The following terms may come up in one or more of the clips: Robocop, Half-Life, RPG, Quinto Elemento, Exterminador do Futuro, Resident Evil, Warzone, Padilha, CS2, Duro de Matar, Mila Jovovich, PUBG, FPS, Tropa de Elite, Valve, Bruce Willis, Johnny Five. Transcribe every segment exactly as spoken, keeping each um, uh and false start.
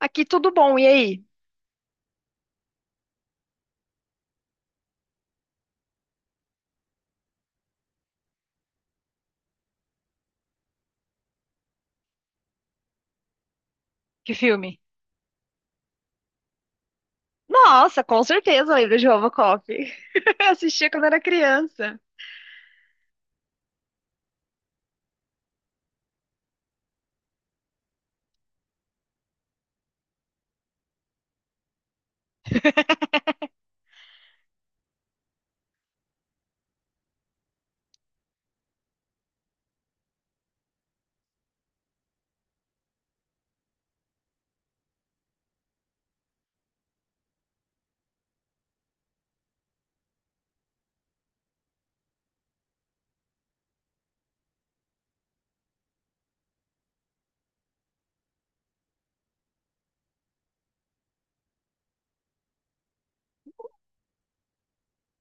Aqui tudo bom, e aí? Que filme? Nossa, com certeza lembro de Robocop. Eu assistia quando era criança.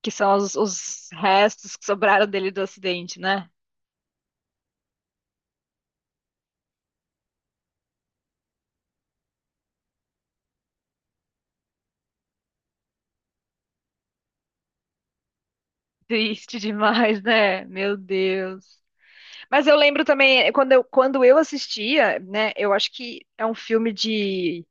Que são os, os restos que sobraram dele do acidente, né? Triste demais, né? Meu Deus. Mas eu lembro também, quando eu, quando eu assistia, né? Eu acho que é um filme de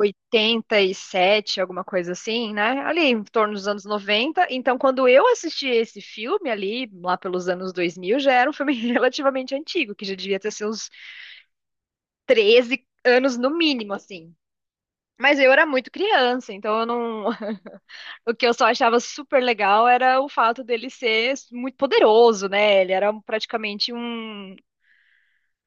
oitenta e sete alguma coisa assim, né? Ali em torno dos anos noventa. Então, quando eu assisti esse filme ali, lá pelos anos dois mil já era um filme relativamente antigo, que já devia ter seus treze anos no mínimo, assim. Mas eu era muito criança, então eu não. O que eu só achava super legal era o fato dele ser muito poderoso, né? Ele era praticamente um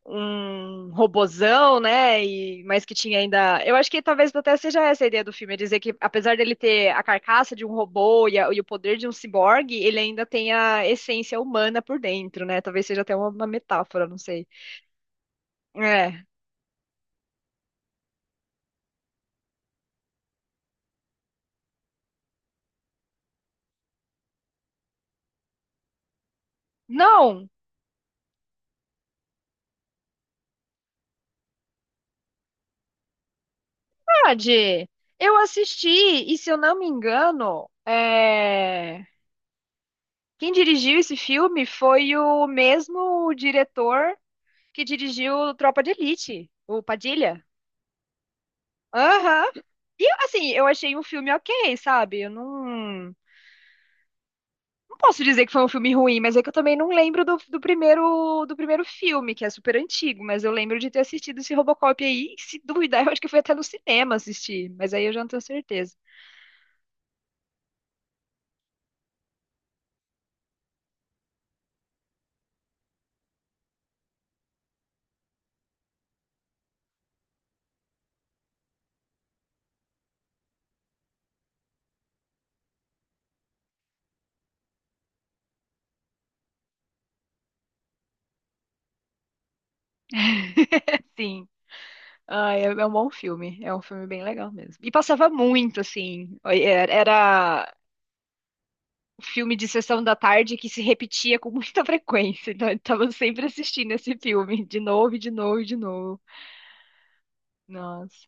um robozão, né? E, mas que tinha ainda. Eu acho que talvez até seja essa a ideia do filme, é dizer que apesar dele ter a carcaça de um robô e, a- e o poder de um ciborgue, ele ainda tem a essência humana por dentro, né? Talvez seja até uma, uma metáfora, não sei. É. Não, verdade. Eu assisti, e se eu não me engano, é, quem dirigiu esse filme foi o mesmo diretor que dirigiu Tropa de Elite, o Padilha. Aham. E assim, eu achei um filme ok, sabe? Eu não, não posso dizer que foi um filme ruim, mas é que eu também não lembro do, do primeiro do primeiro filme, que é super antigo, mas eu lembro de ter assistido esse Robocop aí, e se duvidar, eu acho que foi até no cinema assistir, mas aí eu já não tenho certeza. Sim. Ah, é, é um bom filme, é um filme bem legal mesmo. E passava muito, assim, era era um filme de sessão da tarde que se repetia com muita frequência, então eu tava sempre assistindo esse filme, de novo, e de novo, e de novo. Nossa.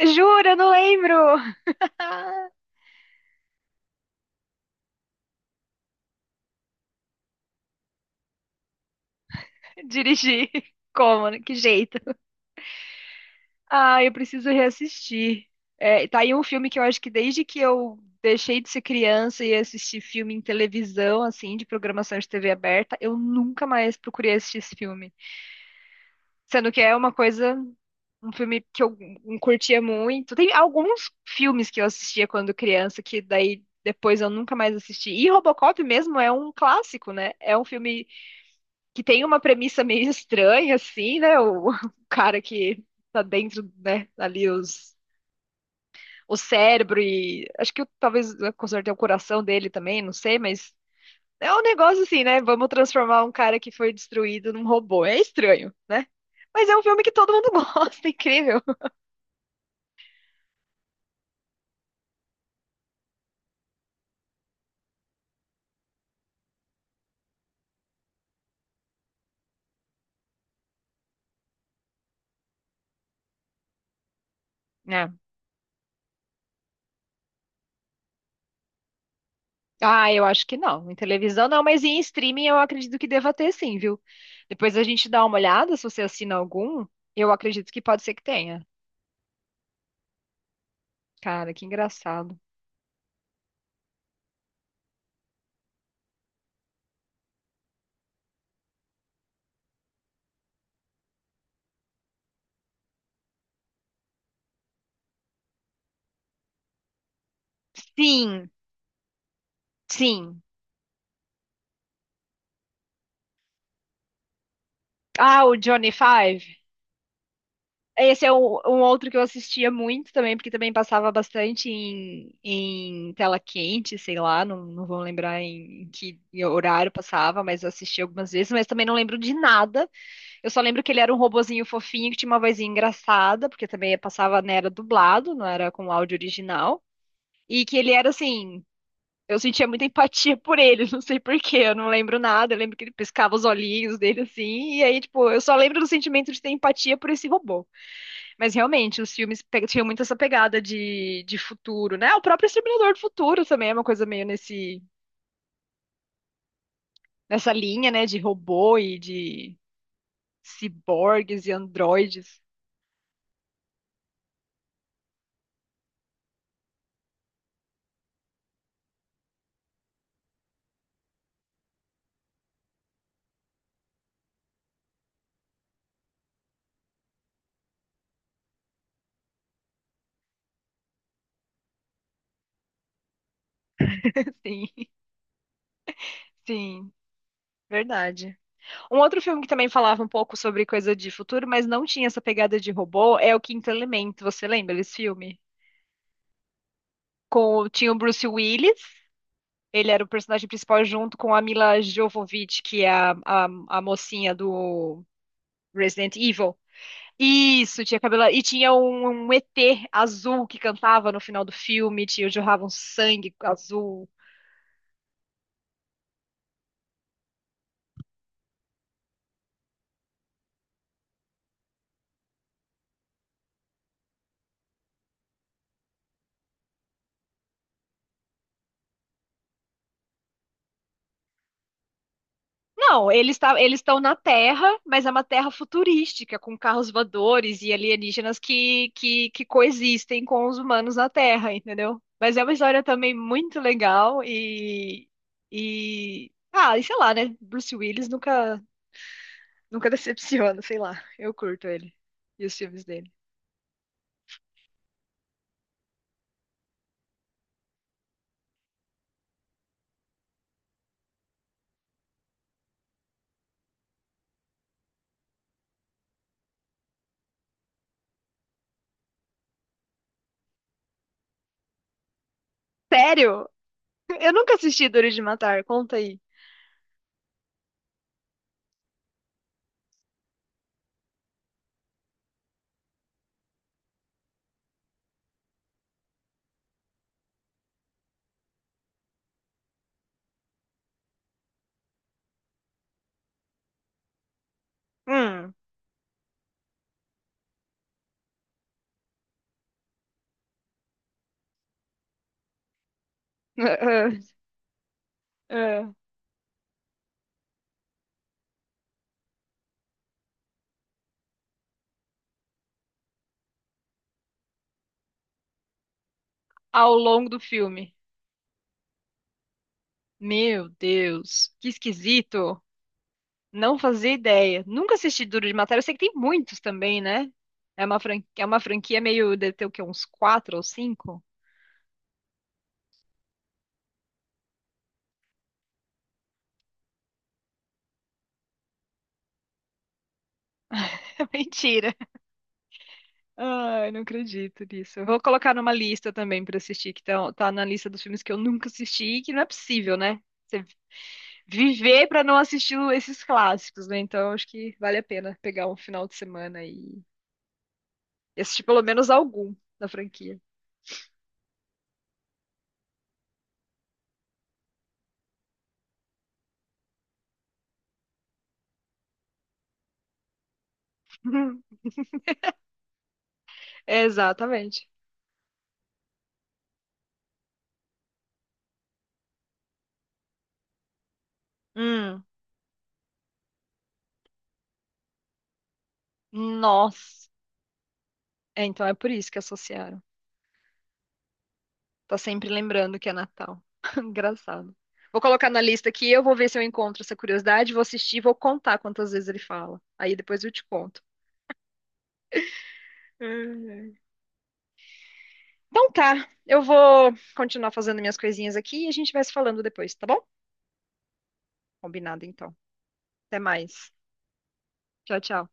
Juro, eu não lembro. Ah, dirigi. Como? Né? Que jeito? Ah, eu preciso reassistir. É, tá aí um filme que eu acho que desde que eu deixei de ser criança e assisti filme em televisão, assim, de programação de T V aberta, eu nunca mais procurei assistir esse filme. Sendo que é uma coisa, um filme que eu hum, curtia muito. Tem alguns filmes que eu assistia quando criança que daí depois eu nunca mais assisti. E Robocop mesmo é um clássico, né? É um filme que tem uma premissa meio estranha, assim, né? O, o cara que tá dentro, né, ali os, o cérebro e acho que talvez com certeza o coração dele também, não sei, mas é um negócio assim, né? Vamos transformar um cara que foi destruído num robô. É estranho, né? Mas é um filme que todo mundo gosta, incrível. É. Ah, eu acho que não. Em televisão não, mas em streaming eu acredito que deva ter sim, viu? Depois a gente dá uma olhada, se você assina algum, eu acredito que pode ser que tenha. Cara, que engraçado. Sim, sim. Ah, o Johnny Five. Esse é um, um outro que eu assistia muito também, porque também passava bastante em, em tela quente, sei lá, não, não vou lembrar em, em que horário passava, mas eu assisti algumas vezes, mas também não lembro de nada. Eu só lembro que ele era um robozinho fofinho que tinha uma vozinha engraçada, porque também passava, né, era dublado, não era com áudio original. E que ele era assim, eu sentia muita empatia por ele, não sei por quê, eu não lembro nada, eu lembro que ele piscava os olhinhos dele assim, e aí, tipo, eu só lembro do sentimento de ter empatia por esse robô. Mas realmente, os filmes pe- tinham muito essa pegada de, de futuro, né? O próprio Exterminador do Futuro também é uma coisa meio nesse, nessa linha, né, de robô e de ciborgues e androides. Sim, sim, verdade. Um outro filme que também falava um pouco sobre coisa de futuro, mas não tinha essa pegada de robô, é o Quinto Elemento, você lembra desse filme? Com tinha o Bruce Willis, ele era o personagem principal junto com a Mila Jovovich, que é a, a, a mocinha do Resident Evil. Isso, tinha cabelo. E tinha um, um E T azul que cantava no final do filme, tinha jorrava um sangue azul. Não, eles tá, eles estão na Terra, mas é uma Terra futurística, com carros voadores e alienígenas que, que, que coexistem com os humanos na Terra, entendeu? Mas é uma história também muito legal e, e ah, e sei lá, né? Bruce Willis nunca nunca decepciona, sei lá. Eu curto ele e os filmes dele. Sério? Eu nunca assisti Duro de Matar. Conta aí. Hum. Ao longo do filme. Meu Deus, que esquisito. Não fazia ideia. Nunca assisti Duro de Matar. Eu sei que tem muitos também, né? É uma franquia, é uma franquia meio de ter o quê? Uns quatro ou cinco? Mentira. Ai, não acredito nisso. Eu vou colocar numa lista também pra assistir, que tá, tá na lista dos filmes que eu nunca assisti e que não é possível, né? Você viver pra não assistir o- esses clássicos, né? Então acho que vale a pena pegar um final de semana e e assistir pelo menos algum da franquia. Exatamente. Hum, nossa. É, então é por isso que associaram. Tá sempre lembrando que é Natal. Engraçado. Vou colocar na lista aqui, eu vou ver se eu encontro essa curiosidade, vou assistir, vou contar quantas vezes ele fala. Aí depois eu te conto. Hum. Então tá, eu vou continuar fazendo minhas coisinhas aqui e a gente vai se falando depois, tá bom? Combinado então. Até mais. Tchau, tchau.